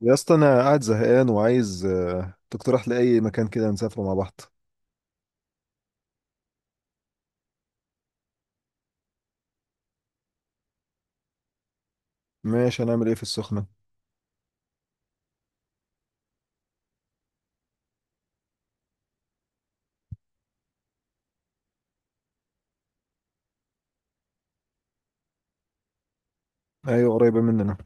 يا اسطى، انا قاعد زهقان وعايز تقترح لي اي مكان كده نسافره مع بعض. ماشي، هنعمل ايه في السخنة؟ ايوه، قريبة مننا.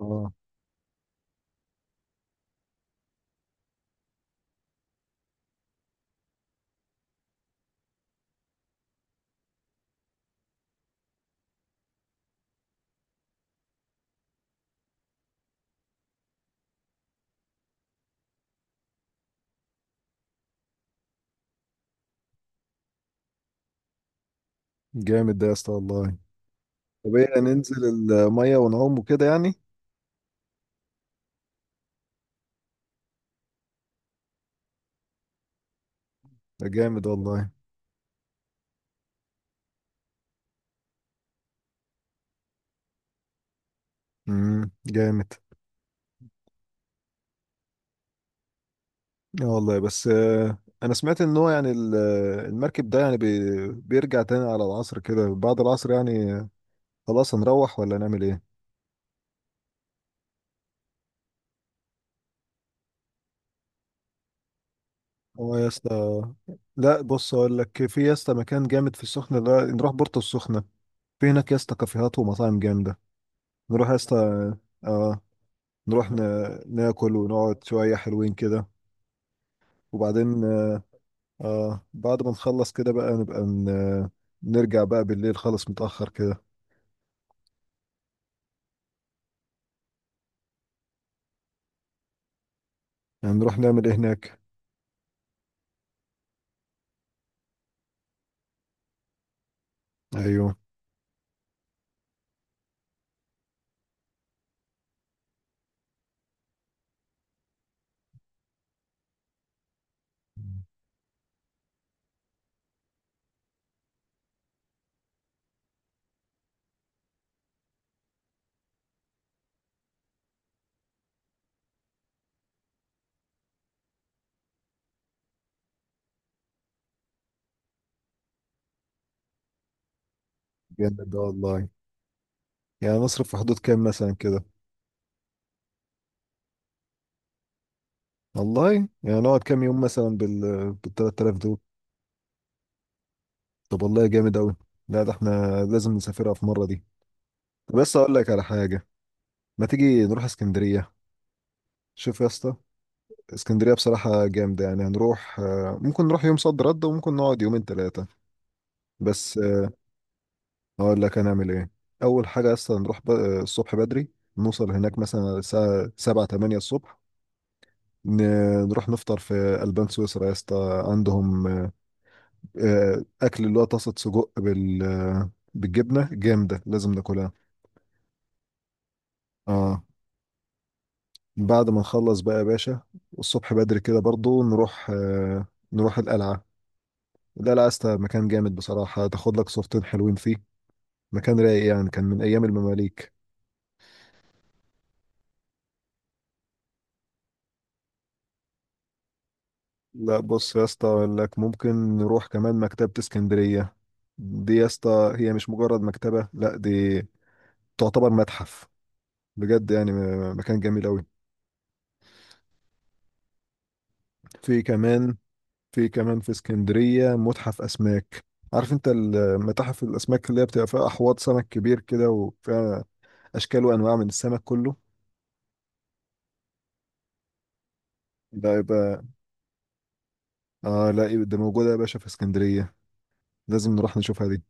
اه، جامد ده يا اسطى والله. طب ايه، هننزل المية ونعوم وكده يعني؟ ده جامد والله. جامد. اه والله، بس انا سمعت ان هو يعني المركب ده يعني بيرجع تاني على العصر كده، بعد العصر يعني. خلاص، هنروح ولا نعمل ايه؟ اه يا اسطى. لا، بص اقول لك، في يا اسطى مكان جامد في السخنة ده، نروح بورتو السخنة. في هناك يا اسطى كافيهات ومطاعم جامدة. نروح يا اسطى. اه. نروح، ناكل ونقعد شوية حلوين كده. وبعدين بعد ما نخلص كده بقى نبقى ن... آه، نرجع بقى بالليل خالص متأخر كده. يعني نروح نعمل ايه هناك؟ ايوه، جامد ده والله. يعني نصرف في حدود كام مثلا كده؟ والله. يعني نقعد كام يوم مثلا بال 3000 دول؟ طب والله، جامد أوي. لا، ده احنا لازم نسافرها في مرة دي. طب، بس أقول لك على حاجة. ما تيجي نروح اسكندرية؟ شوف يا اسطى. اسكندرية بصراحة جامدة، يعني هنروح ممكن نروح يوم صد رد، وممكن نقعد يومين ثلاثة. بس هقول لك هنعمل ايه. أول حاجة أصلا نروح الصبح بدري. نوصل هناك مثلا الساعة سبعة تمانية الصبح. ن- نروح نفطر في ألبان سويسرا يا اسطى، عندهم أكل اللي هو طاسة سجق بالجبنة جامدة، لازم ناكلها. اه، بعد ما نخلص بقى يا باشا، الصبح بدري كده برضو نروح نروح القلعة. القلعة يا اسطى مكان جامد بصراحة، تاخد لك صورتين حلوين فيه. مكان رايق يعني، كان من ايام المماليك. لا، بص يا اسطى اقول لك، ممكن نروح كمان مكتبة اسكندرية. دي يا اسطى هي مش مجرد مكتبة، لا دي تعتبر متحف. بجد يعني مكان جميل قوي. في كمان. في كمان في اسكندرية متحف اسماك. عارف انت المتاحف الاسماك اللي هي بتبقى فيها احواض سمك كبير كده وفيها اشكال وانواع من السمك كله. ده يبقى، اه لا يبقى ده موجودة يا باشا في اسكندرية، لازم نروح نشوفها دي.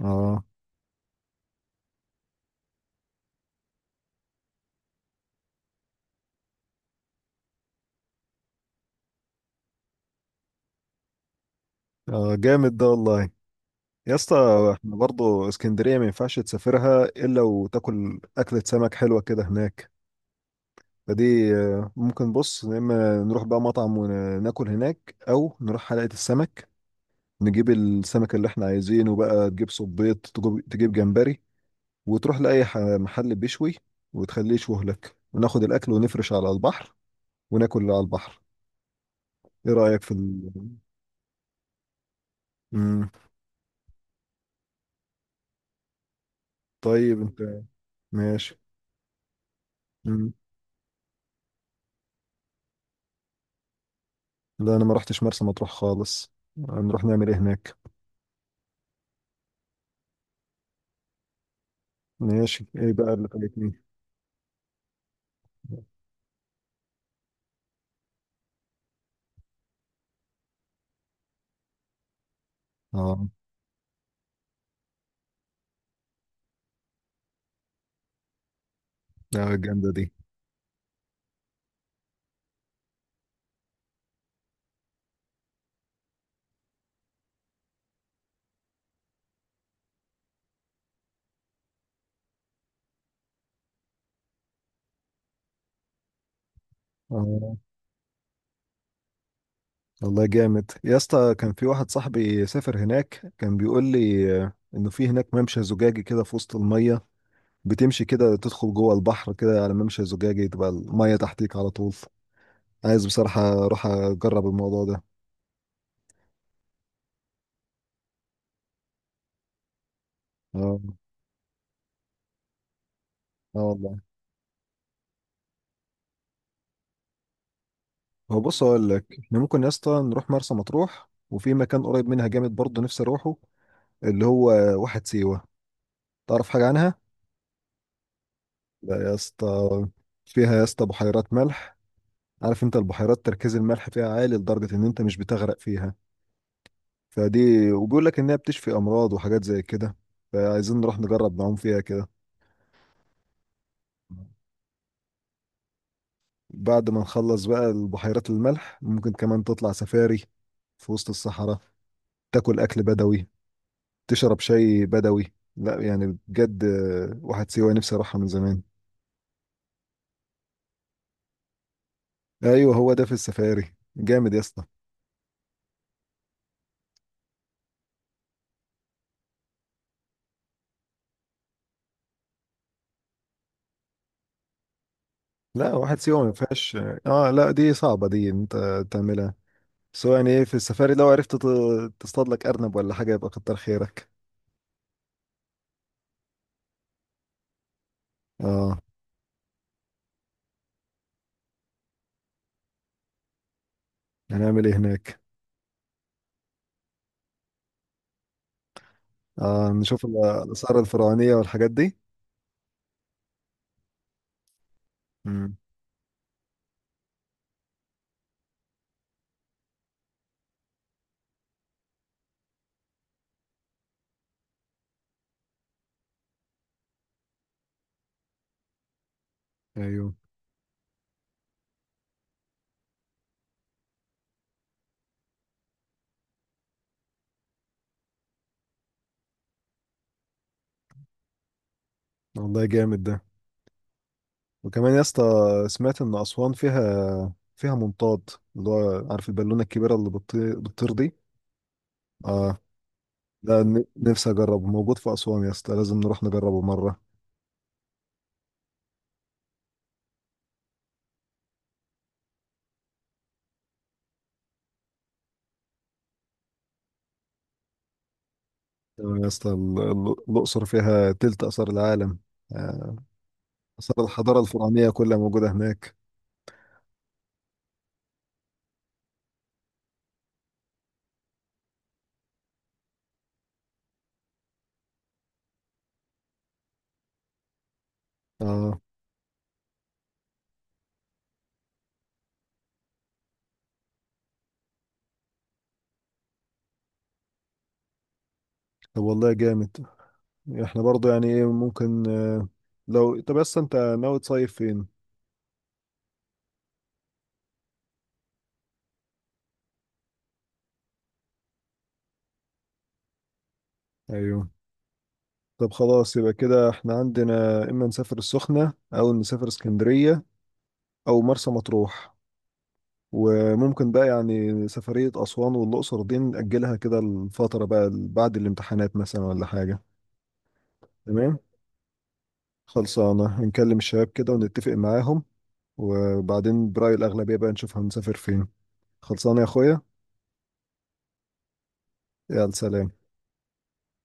اه. اه، جامد ده والله يا اسطى. احنا برضه اسكندرية ما ينفعش تسافرها إلا وتاكل أكلة سمك حلوة كده هناك. فدي ممكن بص، يا إما نروح بقى مطعم وناكل هناك، أو نروح حلقة السمك، نجيب السمك اللي احنا عايزينه بقى، تجيب صبيط، تجيب جمبري، وتروح لأي محل بيشوي، وتخليه يشوه لك، وناخد الأكل ونفرش على البحر، وناكل على البحر. إيه رأيك في؟ مم. طيب أنت. ماشي. مم. لا، أنا ما رحتش مرسى مطروح خالص. هنروح نعمل إيه هناك؟ ماشي، ايه بقى اللي فايتني؟ اه لا، جامدة دي. اه والله جامد يا اسطى، كان في واحد صاحبي سافر هناك، كان بيقول لي انه في هناك ممشى زجاجي كده في وسط المية، بتمشي كده تدخل جوه البحر كده على ممشى زجاجي، تبقى المية تحتيك على طول. عايز بصراحة اروح اجرب الموضوع ده. اه. اه والله. هو بص اقول لك، احنا ممكن يا اسطى نروح مرسى مطروح، وفي مكان قريب منها جامد برضه نفسي اروحه، اللي هو واحد سيوة. تعرف حاجة عنها؟ لا يا اسطى. فيها يا اسطى بحيرات ملح. عارف انت البحيرات، تركيز الملح فيها عالي لدرجة ان انت مش بتغرق فيها، فدي وبيقول لك انها بتشفي امراض وحاجات زي كده، فعايزين نروح نجرب نعوم فيها كده. بعد ما نخلص بقى البحيرات الملح، ممكن كمان تطلع سفاري في وسط الصحراء، تاكل اكل بدوي، تشرب شاي بدوي، لا يعني بجد واحد سيوة نفسي اروحها من زمان. ايوه، هو ده، في السفاري جامد يا اسطى. لا، واحد سيوم ما فيهاش. اه لا، دي صعبة دي، انت تعملها. بس هو يعني ايه في السفاري؟ لو عرفت تصطاد لك ارنب ولا حاجة يبقى كتر خيرك. اه. هنعمل ايه هناك؟ اه، نشوف الآثار الفرعونية والحاجات دي. امم. ايوه والله، جامد ده. وكمان يا اسطى، سمعت ان اسوان فيها منطاد، اللي هو عارف البالونة الكبيرة اللي بتطير دي. اه. ده نفسي اجربه، موجود في اسوان يا اسطى، لازم نروح نجربه مرة. تمام يا اسطى، الأقصر فيها تلت آثار العالم، آه، آثار الحضارة الفرعونية كلها موجودة هناك. اه. طب والله، جامد. احنا برضو يعني ايه ممكن لو طب بس انت ناوي تصيف فين؟ ايوه. طب خلاص، يبقى كده احنا عندنا اما نسافر السخنة، او نسافر اسكندرية، او مرسى مطروح. وممكن بقى يعني سفرية أسوان والأقصر دي نأجلها كده الفترة بقى بعد الامتحانات مثلا ولا حاجة. تمام. خلصانة، نكلم الشباب كده ونتفق معاهم، وبعدين برأي الأغلبية بقى نشوف هنسافر فين. خلصانة يا أخويا. يلا، سلام.